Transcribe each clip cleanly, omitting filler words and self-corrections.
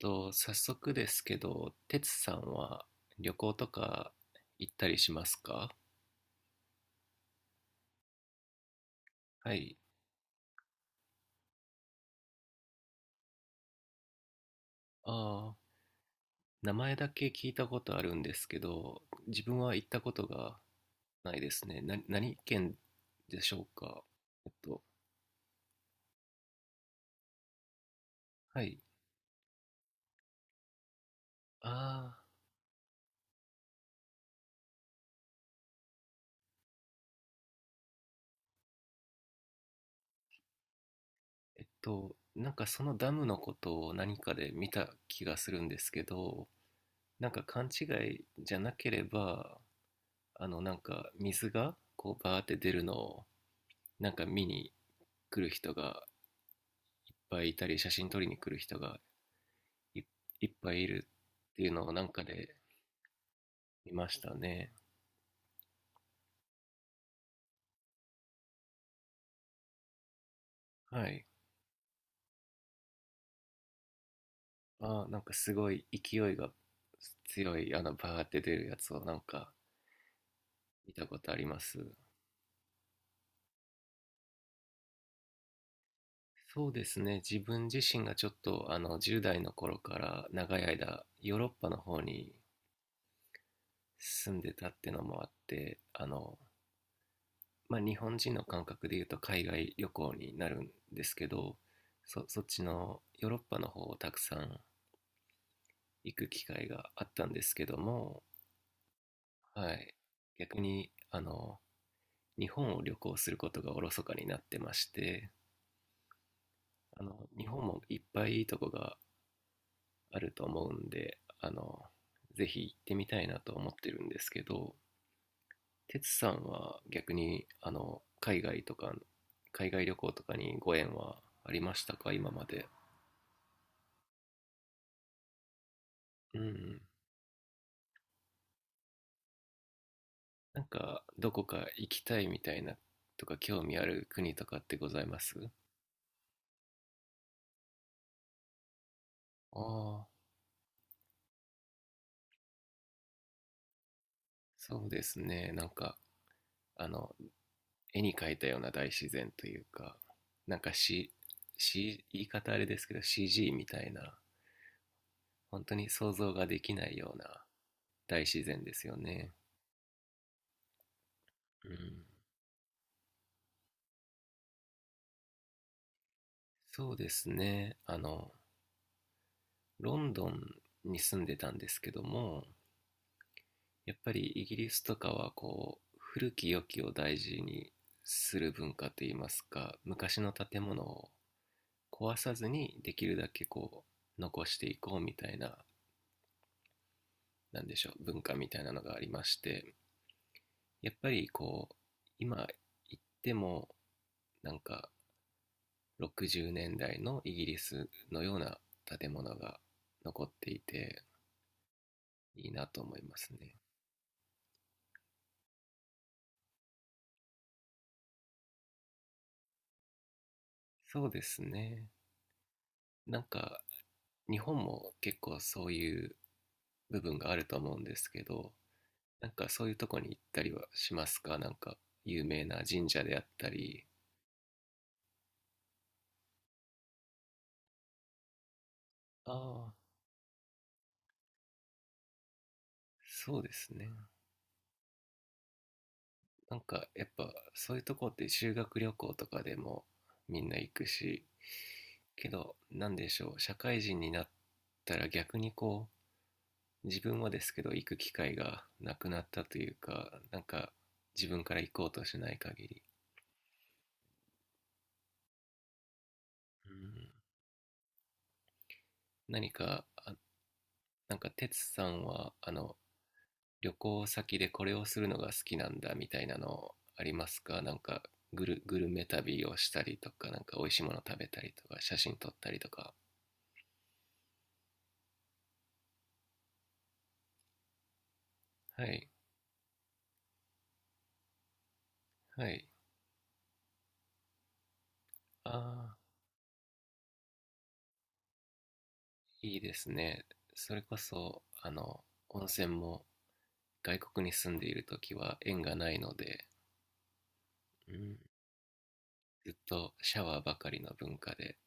と、早速ですけど、てつさんは旅行とか行ったりしますか？はい。ああ、名前だけ聞いたことあるんですけど、自分は行ったことがないですね。な、何県でしょうか？えっと、はい。ああ、なんかそのダムのことを何かで見た気がするんですけど、なんか勘違いじゃなければ、なんか水がこうバーって出るのをなんか見に来る人がいっぱいいたり、写真撮りに来る人がい、いっぱいいるっていうのをなんかで見ましたね。はい。あ、なんかすごい勢いが強い、バーって出るやつをなんか見たことあります。そうですね。自分自身がちょっと、10代の頃から長い間、ヨーロッパの方に住んでたってのもあって、まあ、日本人の感覚で言うと海外旅行になるんですけど、そ、そっちのヨーロッパの方をたくさん行く機会があったんですけども、はい、逆にあの日本を旅行することがおろそかになってまして、あの日本もいっぱいいいとこがあると思うんで、あのぜひ行ってみたいなと思ってるんですけど、哲さんは逆にあの海外とか海外旅行とかにご縁はありましたか、今まで？うん。なんかどこか行きたいみたいなとか、興味ある国とかってございます？ああ、そうですね。なんか、あの、絵に描いたような大自然というか、なんか、C、C、言い方あれですけど CG みたいな、本当に想像ができないような大自然ですよね。うん。そうですね。ロンドンに住んでたんですけども、やっぱりイギリスとかはこう、古き良きを大事にする文化といいますか、昔の建物を壊さずにできるだけこう、残していこうみたいな、なんでしょう、文化みたいなのがありまして、やっぱりこう、今行っても、なんか60年代のイギリスのような建物が残っていて、いいなと思いますね。そうですね。なんか、日本も結構そういう部分があると思うんですけど、なんかそういうとこに行ったりはしますか、なんか有名な神社であったり。ああ、そうですね。なんかやっぱそういうとこって修学旅行とかでもみんな行くし、けどなんでしょう、社会人になったら逆にこう、自分はですけど行く機会がなくなったというか、なんか自分から行こうとしない限り、うん、何かあ、なんか哲さんはあの旅行先でこれをするのが好きなんだみたいなのありますか、なんかグルグルメ旅をしたりとか、なんか美味しいもの食べたりとか写真撮ったりとか。はい。はい。ああ、いいですね。それこそ、温泉も外国に住んでいるときは縁がないので、うん、ずっとシャワーばかりの文化で、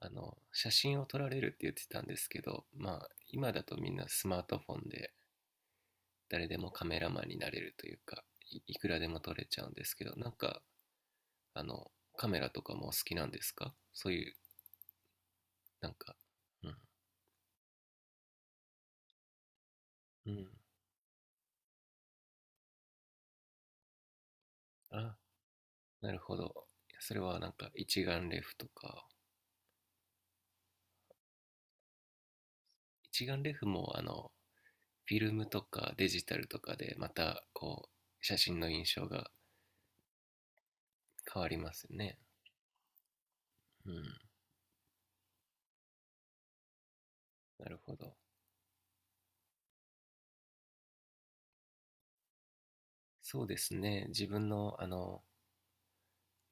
写真を撮られるって言ってたんですけど、まあ、今だとみんなスマートフォンで誰でもカメラマンになれるというか、い、いくらでも撮れちゃうんですけど、なんか、あの、カメラとかもお好きなんですか、そういう、なんか、うん、うん、あ、なるほど。それはなんか一眼レフとか、一眼レフもあのフィルムとかデジタルとかでまたこう写真の印象が変わりますね。うん、なるほど。そうですね。自分のあの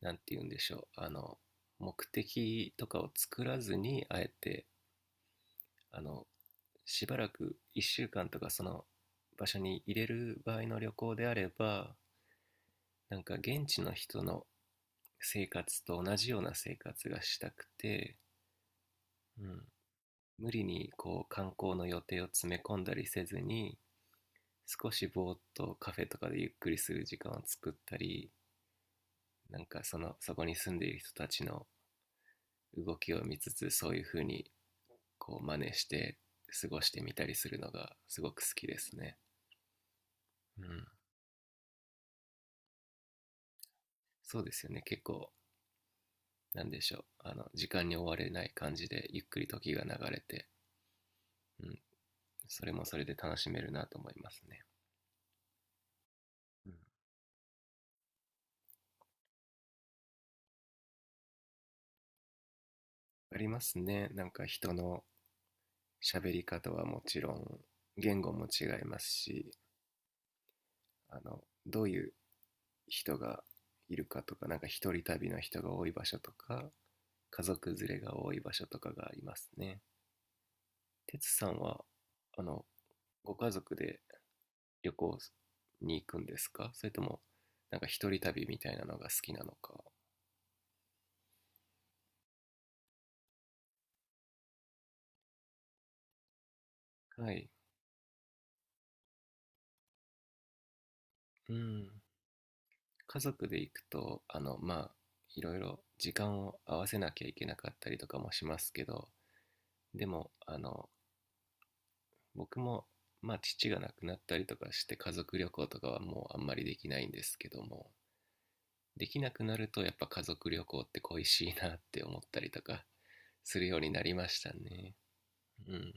なんて言うんでしょう。あの目的とかを作らずにあえて、あのしばらく1週間とかその場所に入れる場合の旅行であれば、なんか現地の人の生活と同じような生活がしたくて、うん、無理にこう観光の予定を詰め込んだりせずに少しぼーっとカフェとかでゆっくりする時間を作ったり、なんかそのそこに住んでいる人たちの動きを見つつそういう風にこう真似して過ごしてみたりするのがすごく好きですね。うん、そうですよね、結構なんでしょう、あの時間に追われない感じでゆっくり時が流れて、うん、それもそれで楽しめるなと思いますね。うん、ありますね。なんか人の喋り方はもちろん、言語も違いますし、あのどういう人がいるかとか、なんか一人旅の人が多い場所とか家族連れが多い場所とかがありますね。てつさんはあのご家族で旅行に行くんですか、それともなんか一人旅みたいなのが好きなのか。はい。うん。家族で行くとあのまあいろいろ時間を合わせなきゃいけなかったりとかもしますけど、でもあの僕も、まあ、父が亡くなったりとかして家族旅行とかはもうあんまりできないんですけども、できなくなるとやっぱ家族旅行って恋しいなって思ったりとかするようになりましたね。うん。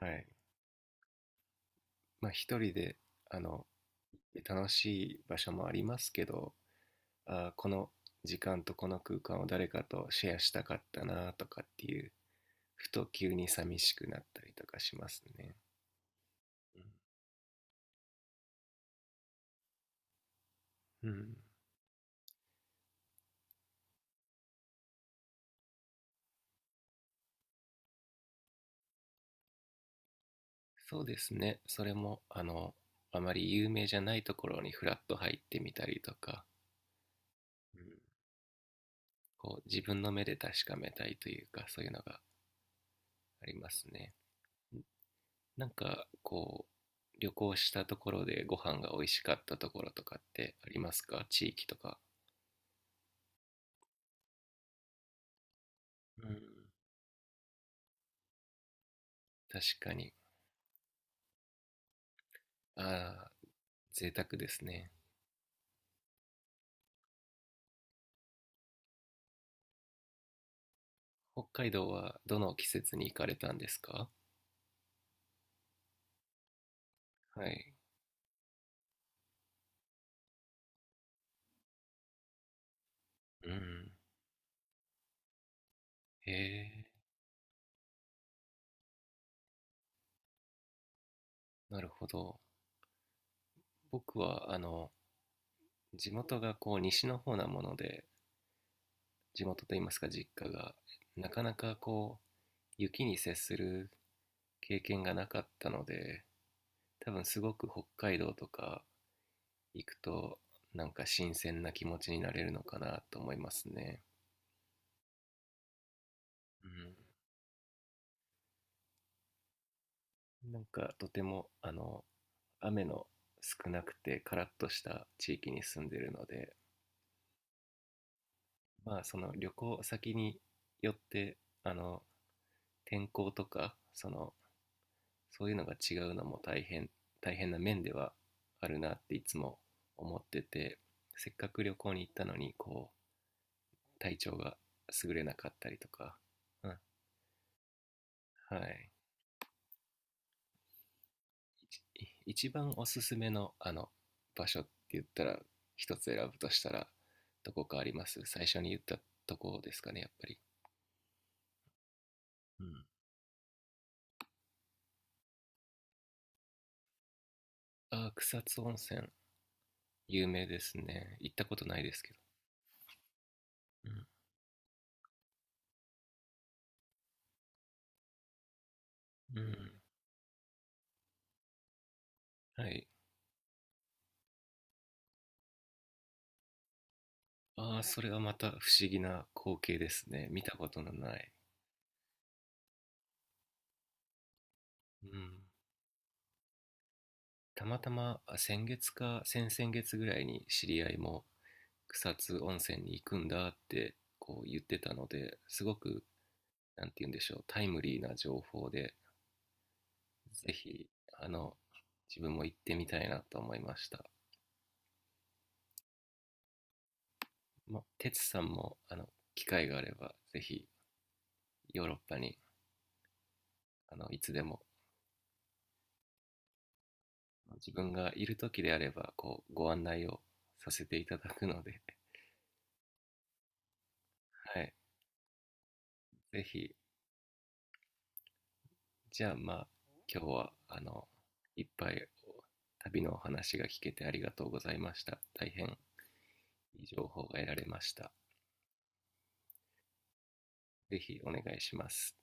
はい。まあ一人で、あの楽しい場所もありますけど、あ、この時間とこの空間を誰かとシェアしたかったなとかっていう、ふと急に寂しくなったりとかしますね。うん、そうですね。それも、あまり有名じゃないところにフラッと入ってみたりとか、うん、こう自分の目で確かめたいというか、そういうのがありますね。なんか、こう、旅行したところでご飯が美味しかったところとかってありますか、地域とか。うん、確かに。ああ、贅沢ですね。北海道はどの季節に行かれたんですか？はい。うん。へえ、なるほど。僕は、地元がこう西の方なもので、地元といいますか実家がなかなかこう雪に接する経験がなかったので、多分すごく北海道とか行くとなんか新鮮な気持ちになれるのかなと思いますね。うん、なんかとてもあの雨の少なくてカラッとした地域に住んでるので、まあその旅行先によってあの天候とかそのそういうのが違うのも大変、大変な面ではあるなっていつも思ってて、せっかく旅行に行ったのにこう体調が優れなかったりとか、うん、はい。一番おすすめのあの場所って言ったら、一つ選ぶとしたらどこかあります？最初に言ったとこですかね、やっぱり。うん。あ、草津温泉、有名ですね、行ったことないですけど。うん、うん、はい。ああ、それはまた不思議な光景ですね。見たことのない。うん。たまたま、あ先月か先々月ぐらいに知り合いも草津温泉に行くんだってこう言ってたので、すごく、なんて言うんでしょう、タイムリーな情報で、ぜひ、あの、自分も行ってみたいなと思いました。まあ、哲さんも、機会があれば、ぜひ、ヨーロッパに、いつでも、ま自分がいる時であれば、こう、ご案内をさせていただくので、はい。ぜひ、じゃあまあ、今日は、いっぱい旅のお話が聞けてありがとうございました。大変いい情報が得られました。ぜひお願いします。